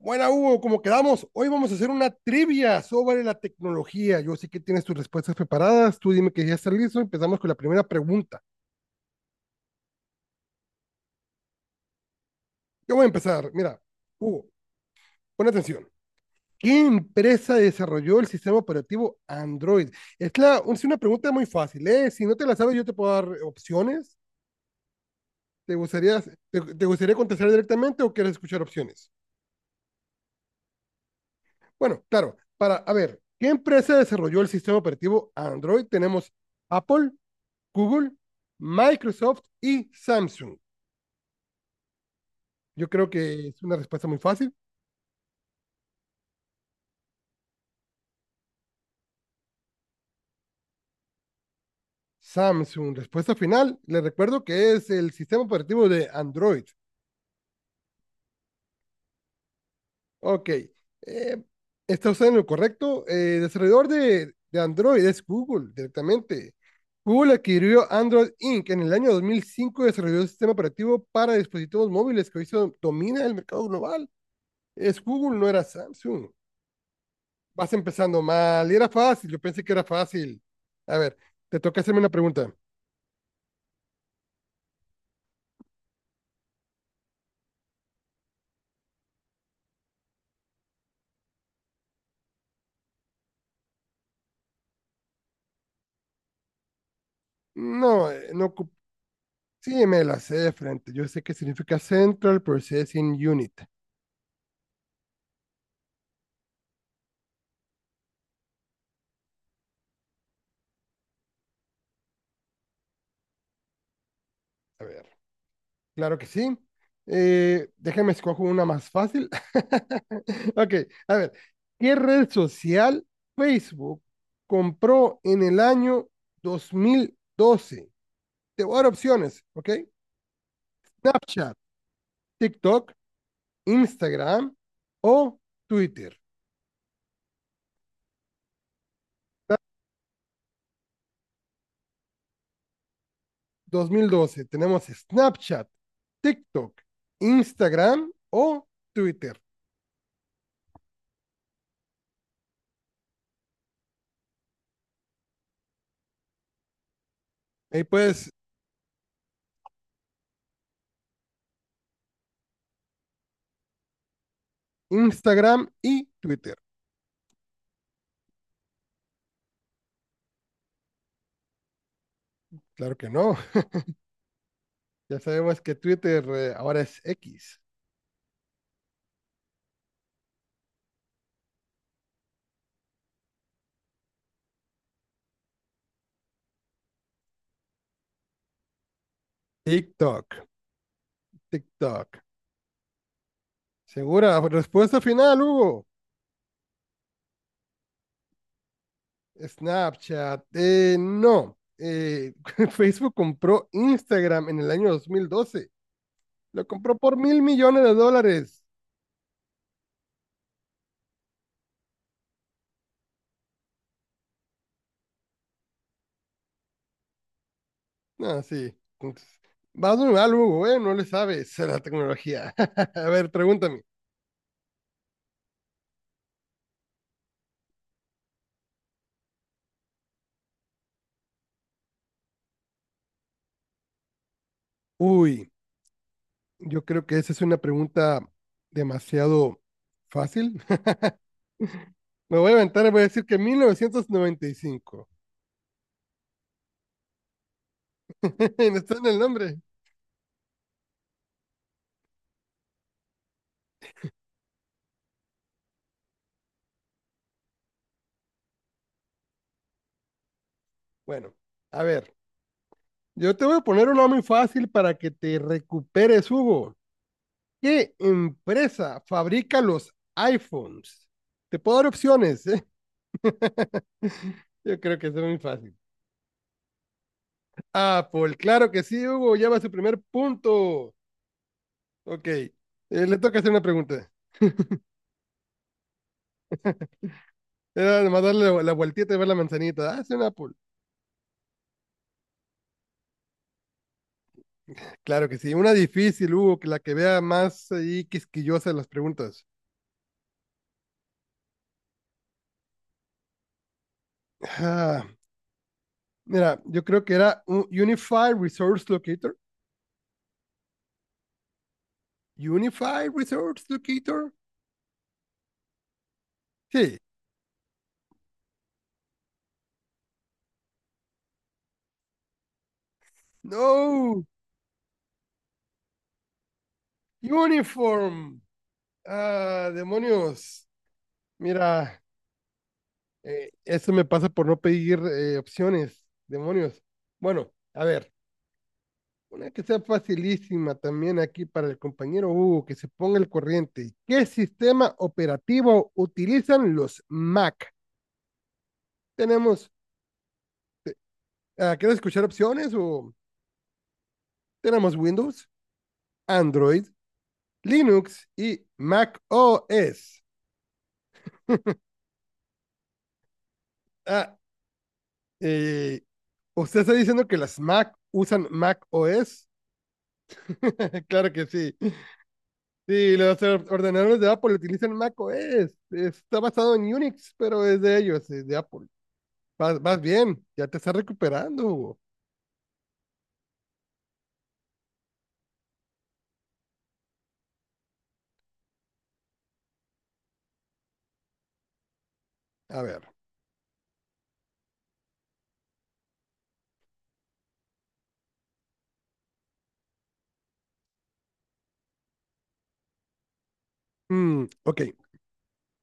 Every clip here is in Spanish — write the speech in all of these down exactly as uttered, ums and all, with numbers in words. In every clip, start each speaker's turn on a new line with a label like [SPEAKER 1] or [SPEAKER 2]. [SPEAKER 1] Buena, Hugo, como quedamos, hoy vamos a hacer una trivia sobre la tecnología. Yo sé que tienes tus respuestas preparadas, tú dime que ya está listo, empezamos con la primera pregunta. Yo voy a empezar, mira, Hugo, pon atención. ¿Qué empresa desarrolló el sistema operativo Android? Es, la, es una pregunta muy fácil, ¿eh? Si no te la sabes, yo te puedo dar opciones. ¿Te gustaría, te, te gustaría contestar directamente o quieres escuchar opciones? Bueno, claro, para, a ver, ¿qué empresa desarrolló el sistema operativo Android? Tenemos Apple, Google, Microsoft y Samsung. Yo creo que es una respuesta muy fácil. Samsung, respuesta final. Les recuerdo que es el sistema operativo de Android. Ok, eh, está usted en lo correcto. Eh, el desarrollador de, de Android es Google directamente. Google adquirió Android inc en el año dos mil cinco y desarrolló el sistema operativo para dispositivos móviles que hoy se domina el mercado global. Es Google, no era Samsung. Vas empezando mal. Y era fácil, yo pensé que era fácil. A ver, te toca hacerme una pregunta. No, eh, no, ocup- sí, me la sé de frente. Yo sé que significa Central Processing Unit. A ver, claro que sí. Eh, déjame escojo una más fácil. Ok, a ver, ¿qué red social Facebook compró en el año dos mil doce? Te voy a dar opciones, ¿ok? Snapchat, TikTok, Instagram o Twitter. dos mil doce tenemos Snapchat, TikTok, Instagram o Twitter. Ahí puedes Instagram y Twitter. Claro que no. Ya sabemos que Twitter eh, ahora es X. TikTok, TikTok. Segura, respuesta final, Hugo. Snapchat, eh, no. Eh, Facebook compró Instagram en el año dos mil doce. Lo compró por mil millones de dólares. Ah, sí. Entonces, vas muy mal, Hugo, ¿eh? No le sabes a la tecnología. A ver, pregúntame. Uy, yo creo que esa es una pregunta demasiado fácil. Me voy a aventar y voy a decir que mil novecientos noventa y cinco. No está en el nombre. Bueno, a ver, yo te voy a poner una muy fácil para que te recuperes, Hugo. ¿Qué empresa fabrica los iPhones? Te puedo dar opciones, ¿eh? Yo creo que es muy fácil. Apple, claro que sí, Hugo, ya va su primer punto. Ok, eh, le toca hacer una pregunta. Era nomás darle la, la vueltita y ver la manzanita. Ah, es un Apple. Claro que sí, una difícil, Hugo, que la que vea más ahí quisquillosa de las preguntas. Ah, mira, yo creo que era un Unified Resource Locator. Unified Resource Locator. Sí. No. Uniform. Ah, demonios. Mira, Eh, eso me pasa por no pedir eh, opciones, demonios. Bueno, a ver, una que sea facilísima también aquí para el compañero Hugo, que se ponga el corriente. ¿Qué sistema operativo utilizan los Mac? Tenemos, ah, ¿quieres escuchar opciones? O tenemos Windows, Android, Linux y Mac O S. Ah, eh, ¿usted está diciendo que las Mac usan Mac O S? Claro que sí. Sí, los or- ordenadores de Apple utilizan macOS. Está basado en Unix, pero es de ellos, es de Apple. Vas, vas bien, ya te estás recuperando, Hugo. A ver. mm, ok,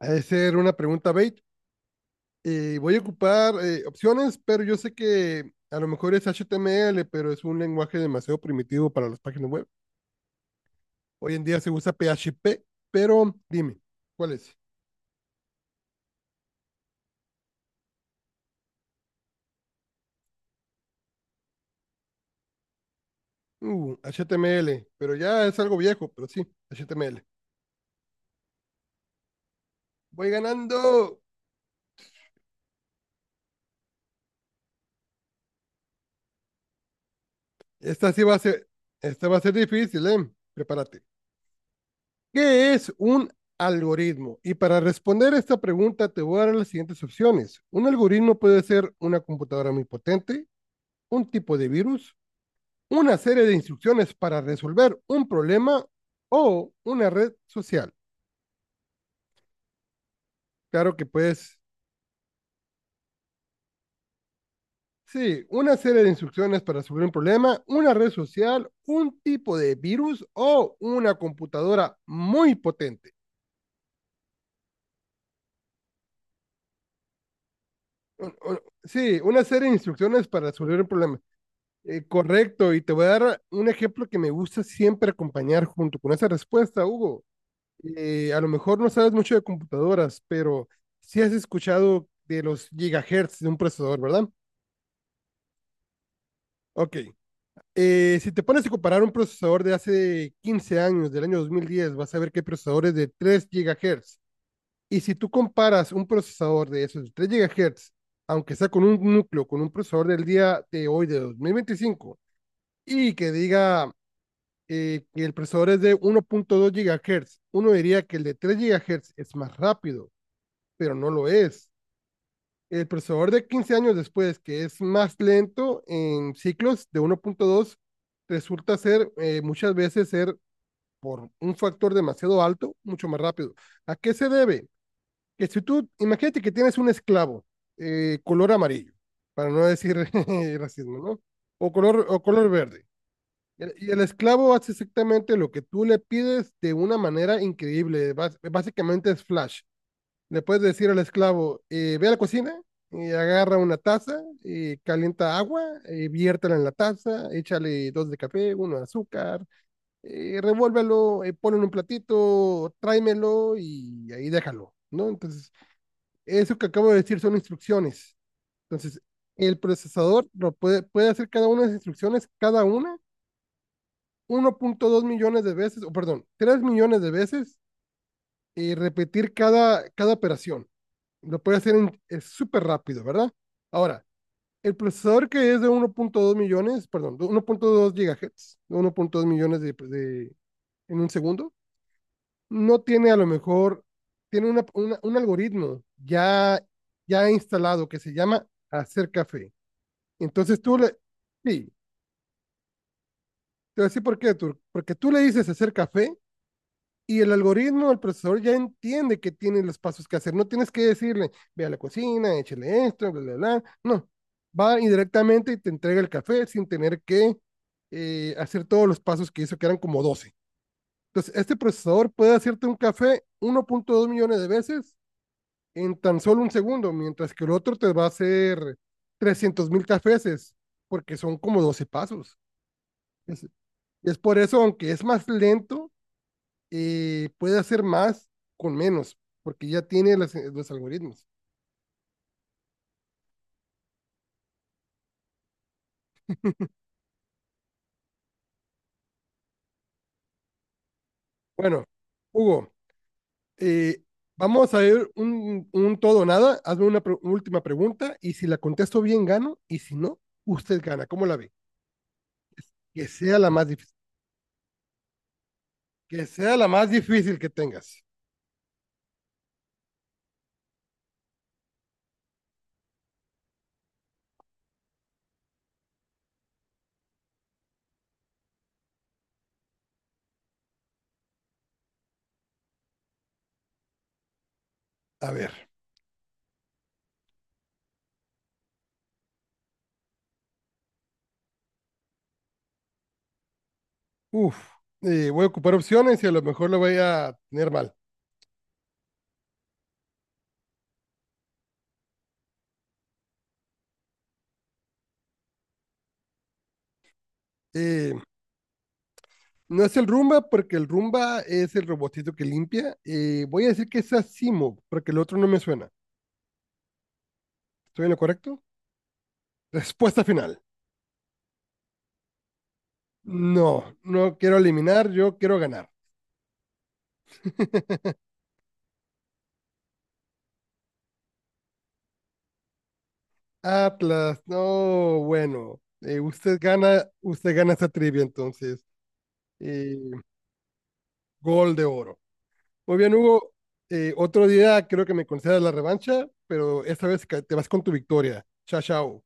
[SPEAKER 1] ha de ser una pregunta bait. Eh, voy a ocupar eh, opciones, pero yo sé que a lo mejor es H T M L, pero es un lenguaje demasiado primitivo para las páginas web. Hoy en día se usa P H P, pero dime, ¿cuál es? Uh, H T M L, pero ya es algo viejo, pero sí, H T M L. Voy ganando. Esta sí va a ser, esta va a ser difícil, ¿eh? Prepárate. ¿Qué es un algoritmo? Y para responder esta pregunta te voy a dar las siguientes opciones. Un algoritmo puede ser una computadora muy potente, un tipo de virus, una serie de instrucciones para resolver un problema o una red social. Claro que pues, sí, una serie de instrucciones para resolver un problema, una red social, un tipo de virus o una computadora muy potente. un- un- sí, una serie de instrucciones para resolver el problema. Eh, correcto, y te voy a dar un ejemplo que me gusta siempre acompañar junto con esa respuesta, Hugo. Eh, a lo mejor no sabes mucho de computadoras, pero sí has escuchado de los gigahertz de un procesador, ¿verdad? Ok. Eh, si te pones a comparar un procesador de hace quince años, del año dos mil diez, vas a ver que hay procesadores de tres GHz. Y si tú comparas un procesador de esos tres GHz, aunque sea con un núcleo, con un procesador del día de hoy, de dos mil veinticinco y que diga eh, que el procesador es de uno punto dos GHz, uno diría que el de tres GHz es más rápido, pero no lo es. El procesador de quince años después, que es más lento en ciclos de uno punto dos resulta ser eh, muchas veces ser por un factor demasiado alto, mucho más rápido. ¿A qué se debe? Que si tú, imagínate que tienes un esclavo eh, color amarillo, para no decir racismo, ¿no? O color, o color verde. El- Y el esclavo hace exactamente lo que tú le pides de una manera increíble. Bás- Básicamente es flash. Le puedes decir al esclavo, eh, ve a la cocina y agarra una taza y calienta agua, eh, viértela en la taza, échale dos de café, uno de azúcar, eh, revuélvelo, eh, ponlo en un platito, tráemelo y ahí déjalo, ¿no? Entonces eso que acabo de decir son instrucciones. Entonces, el procesador lo puede, puede hacer cada una de las instrucciones, cada una, uno punto dos millones de veces, o perdón, tres millones de veces, y repetir cada, cada operación. Lo puede hacer en- es súper rápido, ¿verdad? Ahora, el procesador que es de uno punto dos millones, perdón, de uno punto dos gigahertz, de uno punto dos millones de, de- en un segundo, no tiene a lo mejor, tiene una- una- un algoritmo ya, ya instalado que se llama hacer café. Entonces tú le, sí, te voy a decir por qué, Tur, porque tú le dices hacer café y el algoritmo, el procesador ya entiende que tiene los pasos que hacer. No tienes que decirle, ve a la cocina, échale esto, bla, bla, bla. No, va indirectamente y te entrega el café sin tener que eh, hacer todos los pasos que hizo, que eran como doce. Entonces, este procesador puede hacerte un café uno punto dos millones de veces en tan solo un segundo, mientras que el otro te va a hacer trescientos mil cafés, porque son como doce pasos. Es, Y es por eso, aunque es más lento, eh, puede hacer más con menos, porque ya tiene las- eh, los algoritmos. Bueno, Hugo, eh, vamos a ver un, un todo o nada. Hazme una pre- última pregunta y si la contesto bien, gano. Y si no, usted gana. ¿Cómo la ve? Que sea la más difícil. Que sea la más difícil que tengas. A ver. Uf. eh, voy a ocupar opciones y a lo mejor lo voy a tener mal. Eh, No es el Rumba, porque el Rumba es el robotito que limpia. Eh, voy a decir que es Asimo, porque el otro no me suena. ¿Estoy en lo correcto? Respuesta final. No, no quiero eliminar, yo quiero ganar. Atlas, no, bueno. Eh, usted gana, usted gana esta trivia entonces. Eh, gol de oro. Muy bien, Hugo. eh, otro día creo que me concedas la revancha, pero esta vez ca- te vas con tu victoria. Chao, chao.